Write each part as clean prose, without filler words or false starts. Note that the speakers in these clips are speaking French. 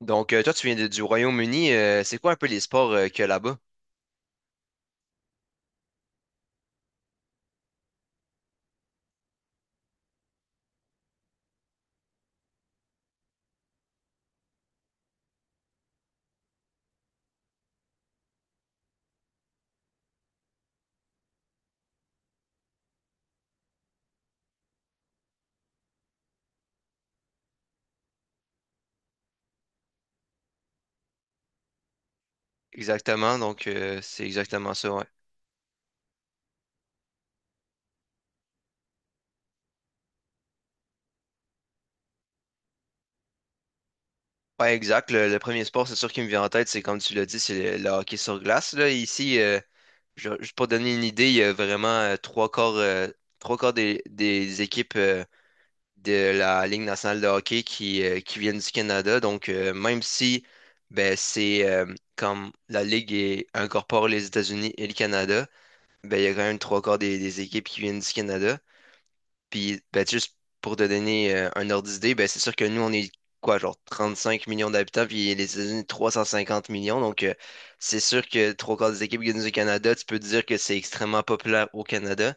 Toi, tu viens du Royaume-Uni. C'est quoi un peu les sports qu'il y a là-bas? Exactement. C'est exactement ça, ouais. Ouais, exact. Le premier sport, c'est sûr qui me vient en tête, c'est comme tu l'as dit, c'est le hockey sur glace. Là, ici, pour donner une idée, il y a vraiment trois quarts des équipes de la Ligue nationale de hockey qui viennent du Canada. Même si ben, c'est comme la incorpore les États-Unis et le Canada, ben, il y a quand même trois quarts des équipes qui viennent du Canada. Puis, ben, juste pour te donner un ordre d'idée, ben, c'est sûr que nous, on est quoi, genre 35 millions d'habitants, puis les États-Unis, 350 millions. C'est sûr que trois quarts des équipes gagnent au Canada, tu peux te dire que c'est extrêmement populaire au Canada.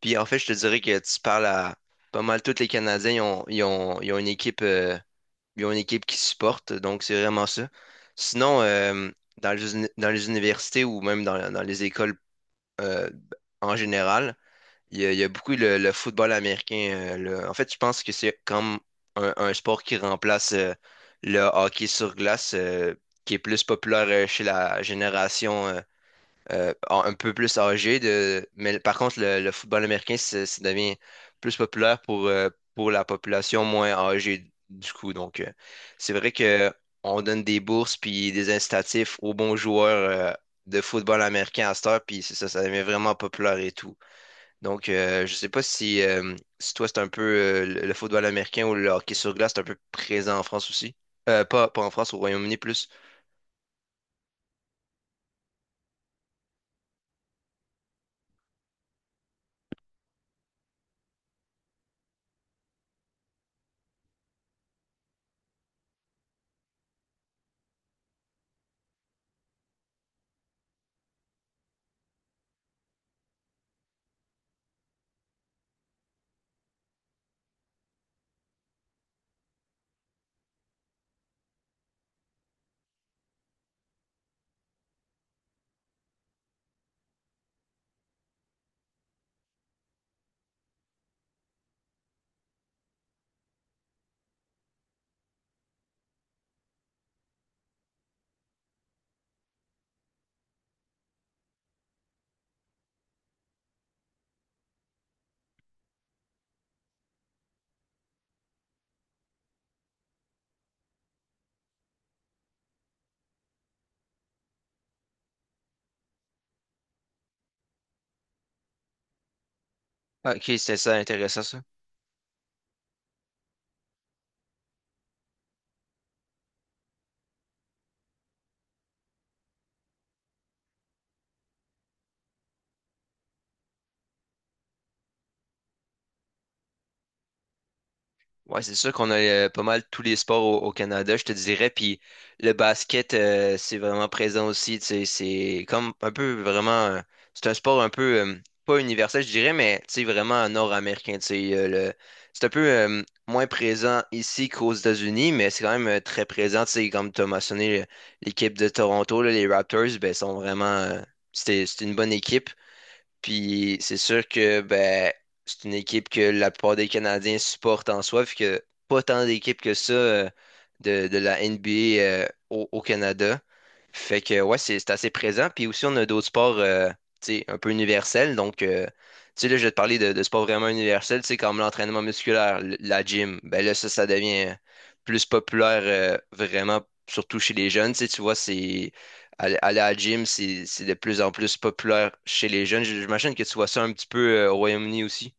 Puis, en fait, je te dirais que tu parles à pas mal tous les Canadiens, ils ont une équipe, ils ont une équipe qui supporte. Donc, c'est vraiment ça. Sinon, dans dans les universités ou même dans, dans les écoles euh, en général, il y a beaucoup le football américain. En fait, je pense que c'est comme un sport qui remplace le hockey sur glace, qui est plus populaire chez la génération un peu plus âgée. De... Mais par contre, le football américain, ça devient plus populaire pour la population moins âgée du coup. C'est vrai que on donne des bourses puis des incitatifs aux bons joueurs de football américain à cette heure, puis c'est ça, ça devient vraiment populaire et tout. Je sais pas si, si toi, c'est un peu le football américain ou le hockey sur glace, c'est un peu présent en France aussi. Pas en France, au Royaume-Uni plus. Ok, c'est ça, intéressant ça. Ouais, c'est sûr qu'on a pas mal tous les sports au, au Canada, je te dirais. Puis le basket, c'est vraiment présent aussi. Tu sais, c'est comme un peu vraiment. C'est un sport un peu pas universel, je dirais, mais tu sais, vraiment nord-américain. C'est un peu moins présent ici qu'aux États-Unis, mais c'est quand même très présent. Tu sais, comme tu as mentionné, l'équipe de Toronto, là, les Raptors, ben, sont vraiment. C'était, c'est une bonne équipe. Puis c'est sûr que ben, c'est une équipe que la plupart des Canadiens supportent en soi, puis que pas tant d'équipes que ça de la NBA au Canada. Fait que ouais, c'est assez présent. Puis aussi, on a d'autres sports tu sais, un peu universels. Tu sais, là, je vais te parler de sports vraiment universels, tu sais, comme l'entraînement musculaire, la gym. Ben là, ça devient plus populaire vraiment, surtout chez les jeunes. Tu sais, tu vois, c'est. Aller à la gym, c'est de plus en plus populaire chez les jeunes. J'imagine que tu vois ça un petit peu au Royaume-Uni aussi.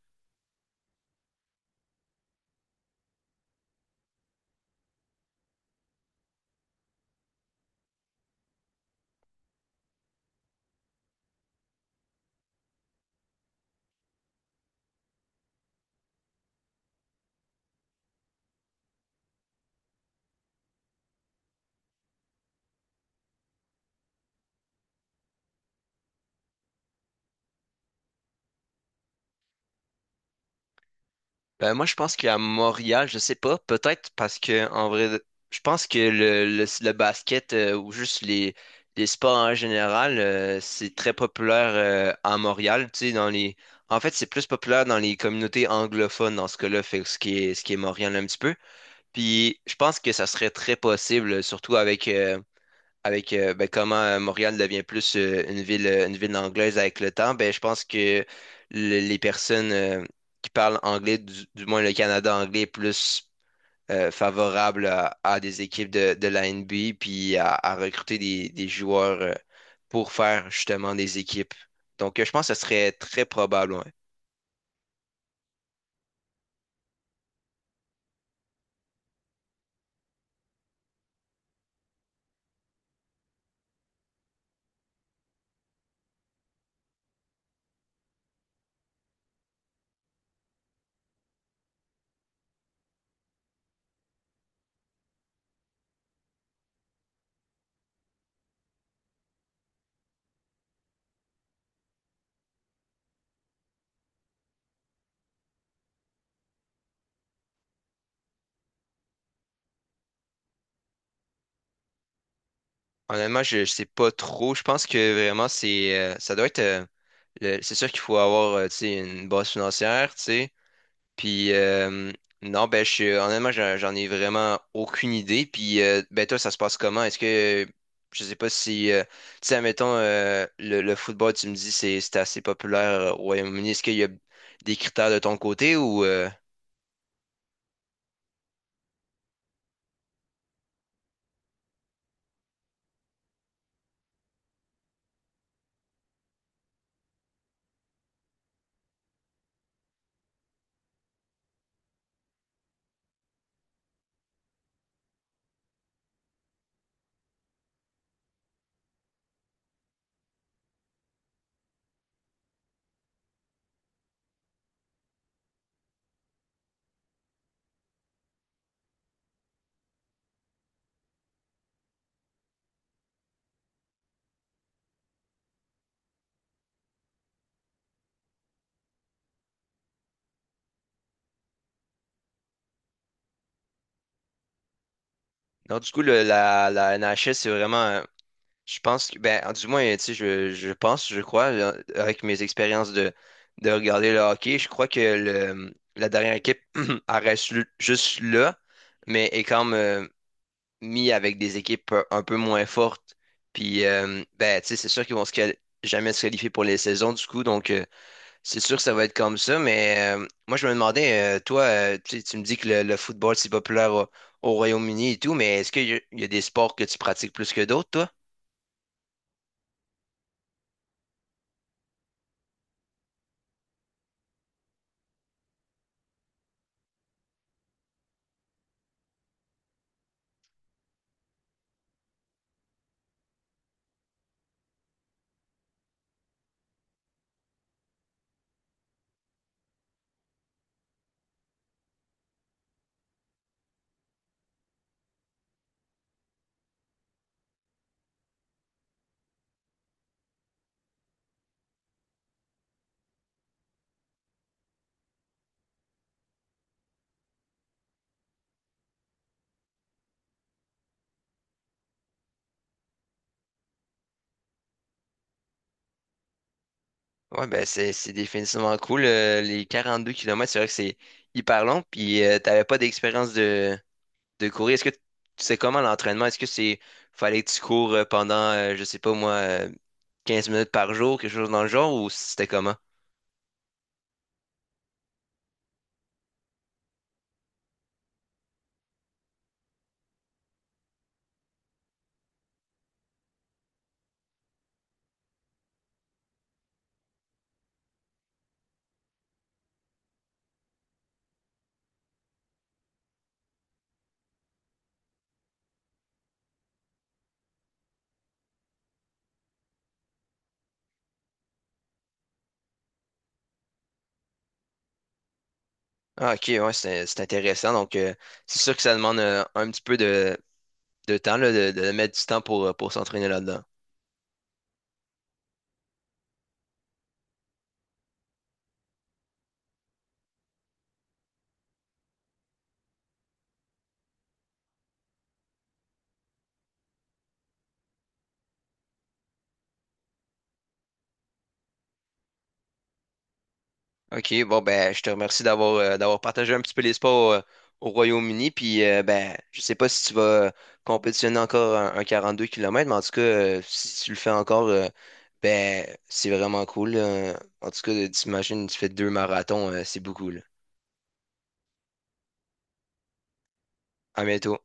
Ben, moi, je pense qu'à Montréal, je sais pas, peut-être parce que, en vrai, je pense que le basket ou juste les sports en général, c'est très populaire à Montréal. Tu sais, dans les... En fait, c'est plus populaire dans les communautés anglophones dans ce cas-là, fait que ce qui est Montréal un petit peu. Puis, je pense que ça serait très possible, surtout avec ben, comment Montréal devient plus une une ville anglaise avec le temps, ben, je pense que les personnes qui parlent anglais, du moins le Canada anglais, est plus favorable à des équipes de la NBA, puis à recruter des joueurs pour faire justement des équipes. Je pense que ce serait très probable. Ouais. Honnêtement, je ne sais pas trop. Je pense que vraiment, c'est ça doit être... C'est sûr qu'il faut avoir tu sais, une base financière, tu sais. Puis Non, honnêtement, j'en ai vraiment aucune idée. Puis Ben toi, ça se passe comment? Est-ce que je sais pas si tu sais, admettons le football, tu me dis c'est assez populaire au Royaume-Uni. Est-ce qu'il y a des critères de ton côté ou non, du coup la NHL, c'est vraiment je pense que- ben du moins tu sais, je pense, je crois, avec mes expériences de regarder le hockey, je crois que la dernière équipe elle reste juste là, mais est quand même. Mis avec des équipes un peu moins fortes. Puis, ben, tu sais, c'est sûr qu'ils vont jamais se qualifier pour les saisons, du coup. C'est sûr que ça va être comme ça. Moi, je me demandais, tu sais, tu me dis que le football, c'est populaire au, au Royaume-Uni et tout, mais est-ce qu'il y, a il y a des sports que tu pratiques plus que d'autres, toi? Ouais, ben c'est définitivement cool. Les deux kilomètres c'est vrai que c'est hyper long. Puis T'avais pas d'expérience de courir. Est-ce que tu sais comment l'entraînement? Est-ce que c'est Fallait que tu cours je sais pas moi, 15 minutes par jour, quelque chose dans le genre, ou c'était comment? Ah, ok, ouais, c'est intéressant. C'est sûr que ça demande un petit peu de temps, là, de mettre du temps pour s'entraîner là-dedans. OK, bon ben je te remercie d'avoir partagé un petit peu les sports au Royaume-Uni. Puis Ben je sais pas si tu vas euh, compétitionner encore un 42 km, mais en tout cas, si tu le fais encore, ben c'est vraiment cool. Là, en tout cas, t'imagines, tu fais deux marathons, c'est beaucoup là. À bientôt.